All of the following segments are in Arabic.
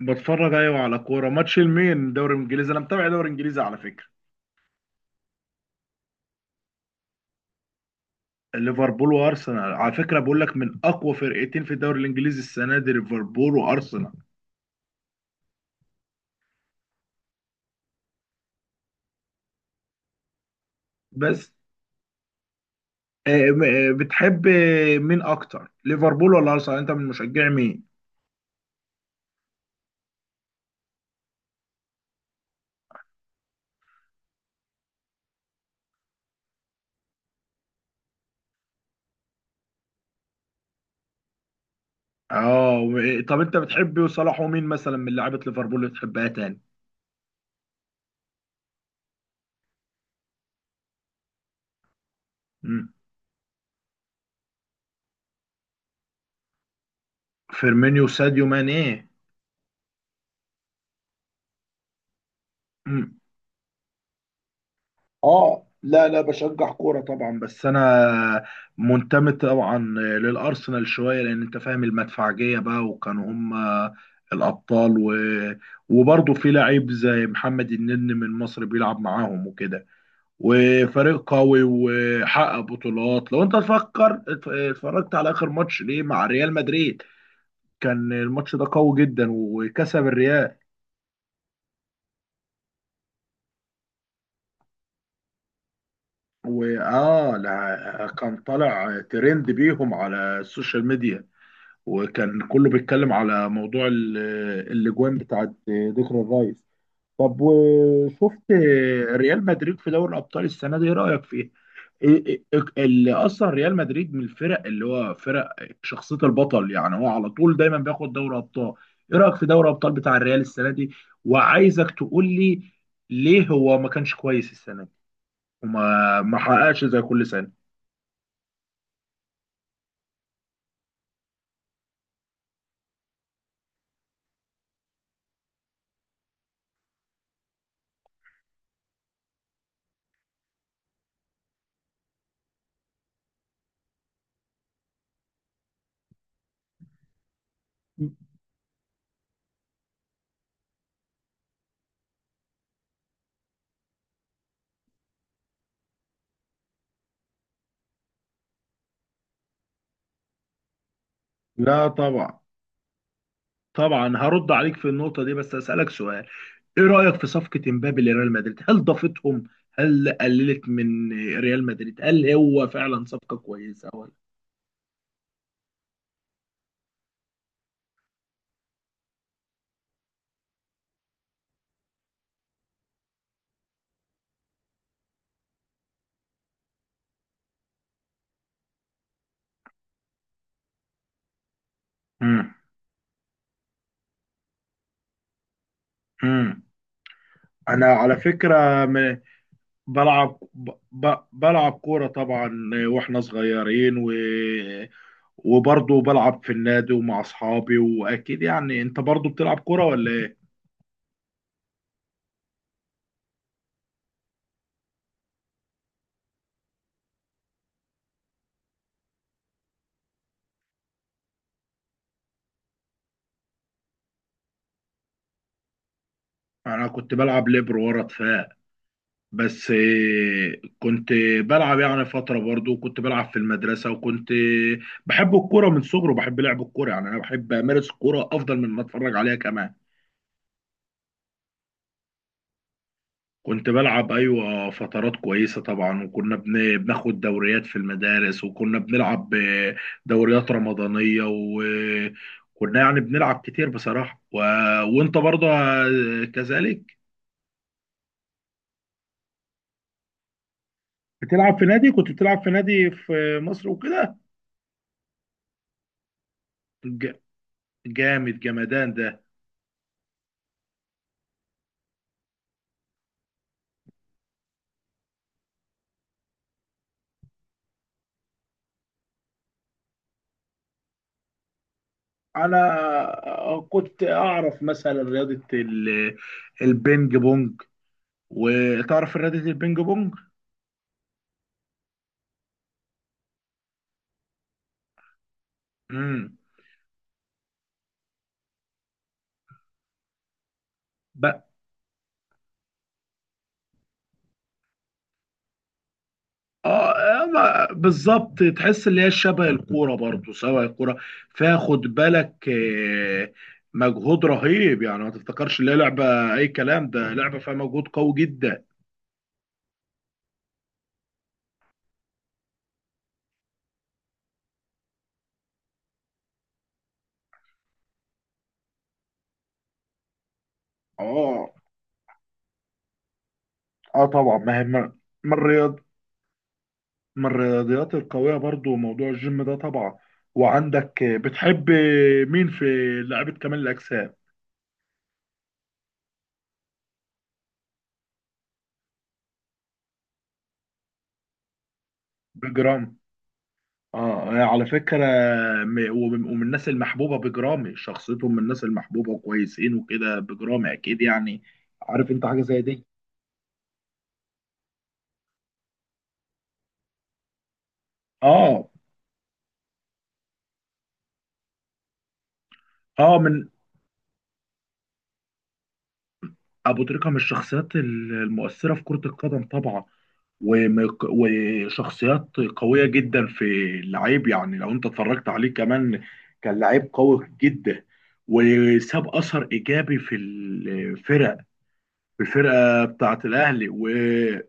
بتفرج، ايوه، على كوره. ماتش المين؟ دوري الانجليزي. انا متابع دوري الانجليزي على فكره. ليفربول وارسنال، على فكره، بقول لك من اقوى فرقتين في الدوري الانجليزي السنه دي، ليفربول وارسنال. بس بتحب مين اكتر، ليفربول ولا ارسنال؟ انت من مشجع مين؟ اه، طب انت بتحب صلاح، ومين مثلا من لعيبه ليفربول اللي بتحبها تاني؟ مم. فيرمينيو ساديو ماني. اه، لا لا، بشجع كورة طبعا. بس انا منتمي طبعا للارسنال شوية، لان انت فاهم، المدفعجية بقى، وكانوا هم الابطال وبرضه في لعيب زي محمد النني من مصر بيلعب معاهم وكده، وفريق قوي وحقق بطولات. لو انت تفكر اتفرجت على اخر ماتش ليه مع ريال مدريد، كان الماتش ده قوي جدا وكسب الريال. واه، لا، كان طالع ترند بيهم على السوشيال ميديا، وكان كله بيتكلم على موضوع الاجوان بتاعت ديكلان الرايس. طب وشفت ريال مدريد في دوري الابطال السنه دي، ايه رايك فيه؟ إيه- إيه- إيه، اللي اصلا ريال مدريد من الفرق اللي هو فرق شخصيه البطل، يعني هو على طول دايما بياخد دوري ابطال. ايه رايك في دوري ابطال بتاع الريال السنه دي؟ وعايزك تقول لي ليه هو ما كانش كويس السنه دي، وما ما حققش زي كل سنه. لا طبعا. طبعا هرد عليك في النقطه دي، بس اسالك سؤال: ايه رأيك في صفقة امبابي لريال مدريد؟ هل ضافتهم؟ هل قللت من ريال مدريد؟ هل هو فعلا صفقة كويسة ولا؟ مم. مم. انا على فكره، بلعب، بلعب كوره طبعا، واحنا صغيرين، و... وبرضه بلعب في النادي ومع اصحابي. واكيد يعني انت برضه بتلعب كوره ولا ايه؟ انا كنت بلعب ليبر ورا دفاع. بس كنت بلعب يعني فترة، برضو كنت بلعب في المدرسة، وكنت بحب الكورة من صغري، وبحب لعب الكورة. يعني أنا بحب أمارس الكورة أفضل من ما أتفرج عليها كمان. كنت بلعب، أيوة، فترات كويسة طبعا. وكنا بناخد دوريات في المدارس، وكنا بنلعب دوريات رمضانية. وكنا يعني بنلعب كتير بصراحة. و... وأنت برضو كذلك؟ بتلعب في نادي؟ كنت بتلعب في نادي في مصر وكده؟ ج- جامد جمدان ده! انا كنت اعرف مثلا رياضه البينج بونج. وتعرف رياضه البينج بونج؟ امم بقى. اه، بالظبط، تحس اللي هي شبه الكوره برضو. سواء الكوره فيها، خد بالك، مجهود رهيب. يعني ما تفتكرش اللي هي لعبه اي كلام، ده لعبه فيها مجهود قوي جدا. اه، اه، طبعا. ما هي، ما من الرياضيات القوية برضو موضوع الجيم ده طبعا. وعندك بتحب مين في لعبة كمال الأجسام؟ بجرام. اه، يعني على فكرة، ومن الناس المحبوبة، بجرامي شخصيتهم من الناس المحبوبة وكويسين وكده. بجرامي أكيد يعني، عارف أنت حاجة زي دي. اه. اه، من ابو تريكه. من الشخصيات المؤثره في كره القدم طبعا، وشخصيات قويه جدا في اللعيب. يعني لو انت اتفرجت عليه كمان، كان لعيب قوي جدا. وساب اثر ايجابي في الفرق، في الفرقه بتاعه الاهلي. وكان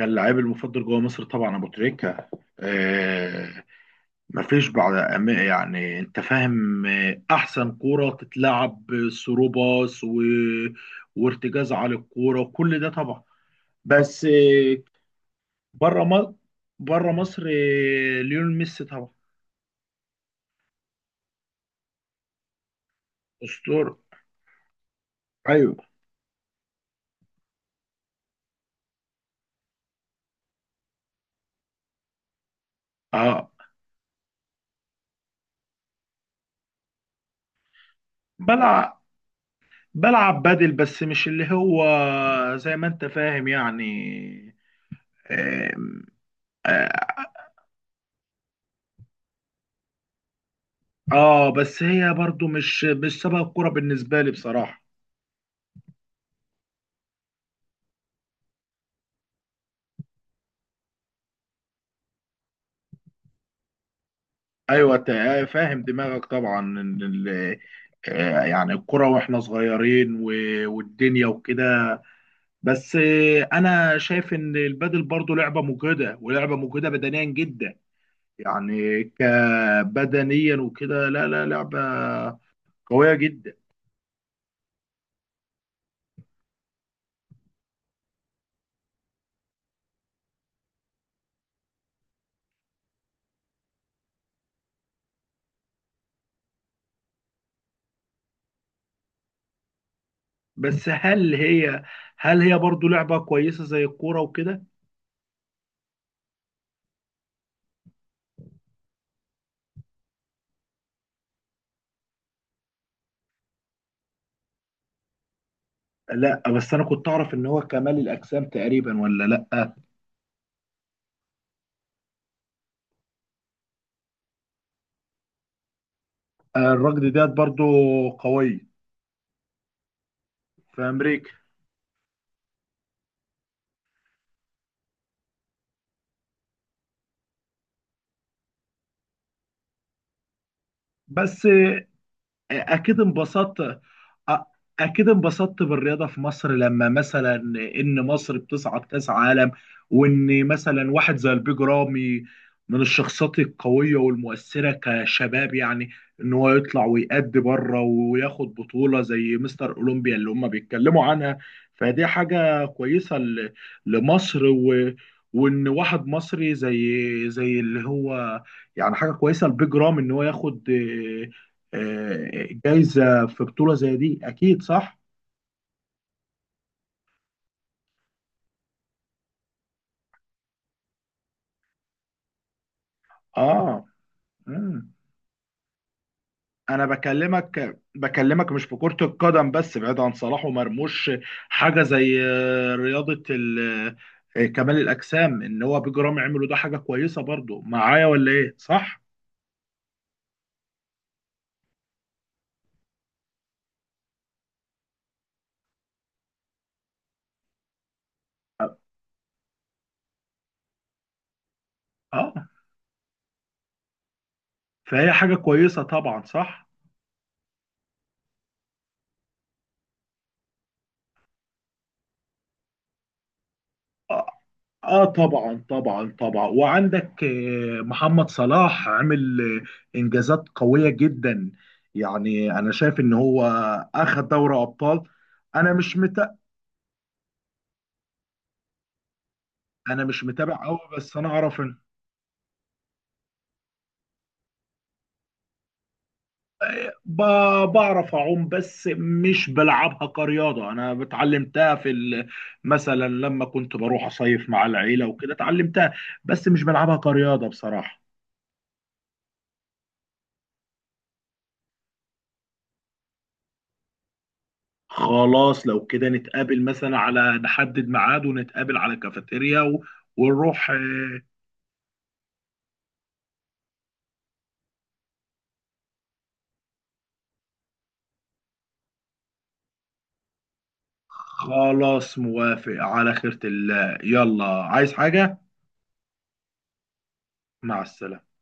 لعيب المفضل جوه مصر طبعا، ابو تريكه. آه، مفيش بعد يعني انت فاهم، احسن كوره تتلعب، ثرو باص، و... وارتجاز على الكوره، وكل ده طبعا. بس بره مصر، بره مصر ليونيل ميسي طبعا. اسطوره. ايوه، اه. بلعب، بلعب بدل، بس مش اللي هو زي ما انت فاهم يعني. آم، اه، بس هي برضو مش سبب الكوره بالنسبه لي بصراحه. ايوه، فاهم دماغك طبعا، ان يعني الكرة، واحنا صغيرين، والدنيا وكده. بس انا شايف ان البادل برضو لعبة مجهدة، ولعبة مجهدة بدنيا جدا. يعني كبدنيا وكده. لا لا، لعبة قوية جدا. بس هل هي برضو لعبة كويسة زي الكورة وكده؟ لا بس انا كنت اعرف ان هو كمال الاجسام تقريبا، ولا لا الركض ديت برضو قوي في امريكا. بس اكيد انبسطت. أ- اكيد انبسطت بالرياضه في مصر، لما مثلا ان مصر بتصعد كاس عالم. وان مثلا واحد زي البيج رامي من الشخصيات القويه والمؤثره كشباب يعني، ان هو يطلع ويأدي بره وياخد بطوله زي مستر اولمبيا اللي هم بيتكلموا عنها. فدي حاجه كويسه ل- لمصر. و وان واحد مصري زي اللي هو يعني حاجه كويسه، البيج رامي ان هو ياخد جايزه في بطولة زي دي، اكيد صح. اه. مم. انا بكلمك، بكلمك مش في كرة القدم بس، بعيد عن صلاح ومرموش، حاجة زي رياضة ال آه، كمال الأجسام، إن هو بجرام عملوا، ده حاجة كويسة برضو معايا، ولا إيه؟ صح؟ آه. فهي حاجة كويسة طبعا، صح؟ آه، اه، طبعا طبعا طبعا. وعندك محمد صلاح عمل انجازات قويه جدا. يعني انا شايف ان هو اخذ دوري ابطال. انا مش متابع انا مش متابع قوي. بس انا اعرف ان بعرف اعوم، بس مش بلعبها كرياضه. انا اتعلمتها في مثلا لما كنت بروح اصيف مع العيله وكده، اتعلمتها. بس مش بلعبها كرياضه بصراحه. خلاص، لو كده نتقابل مثلا، على نحدد ميعاد ونتقابل على كافيتيريا، و... ونروح خلاص. موافق، على خيرة الله. يلا، عايز حاجة؟ مع السلامة.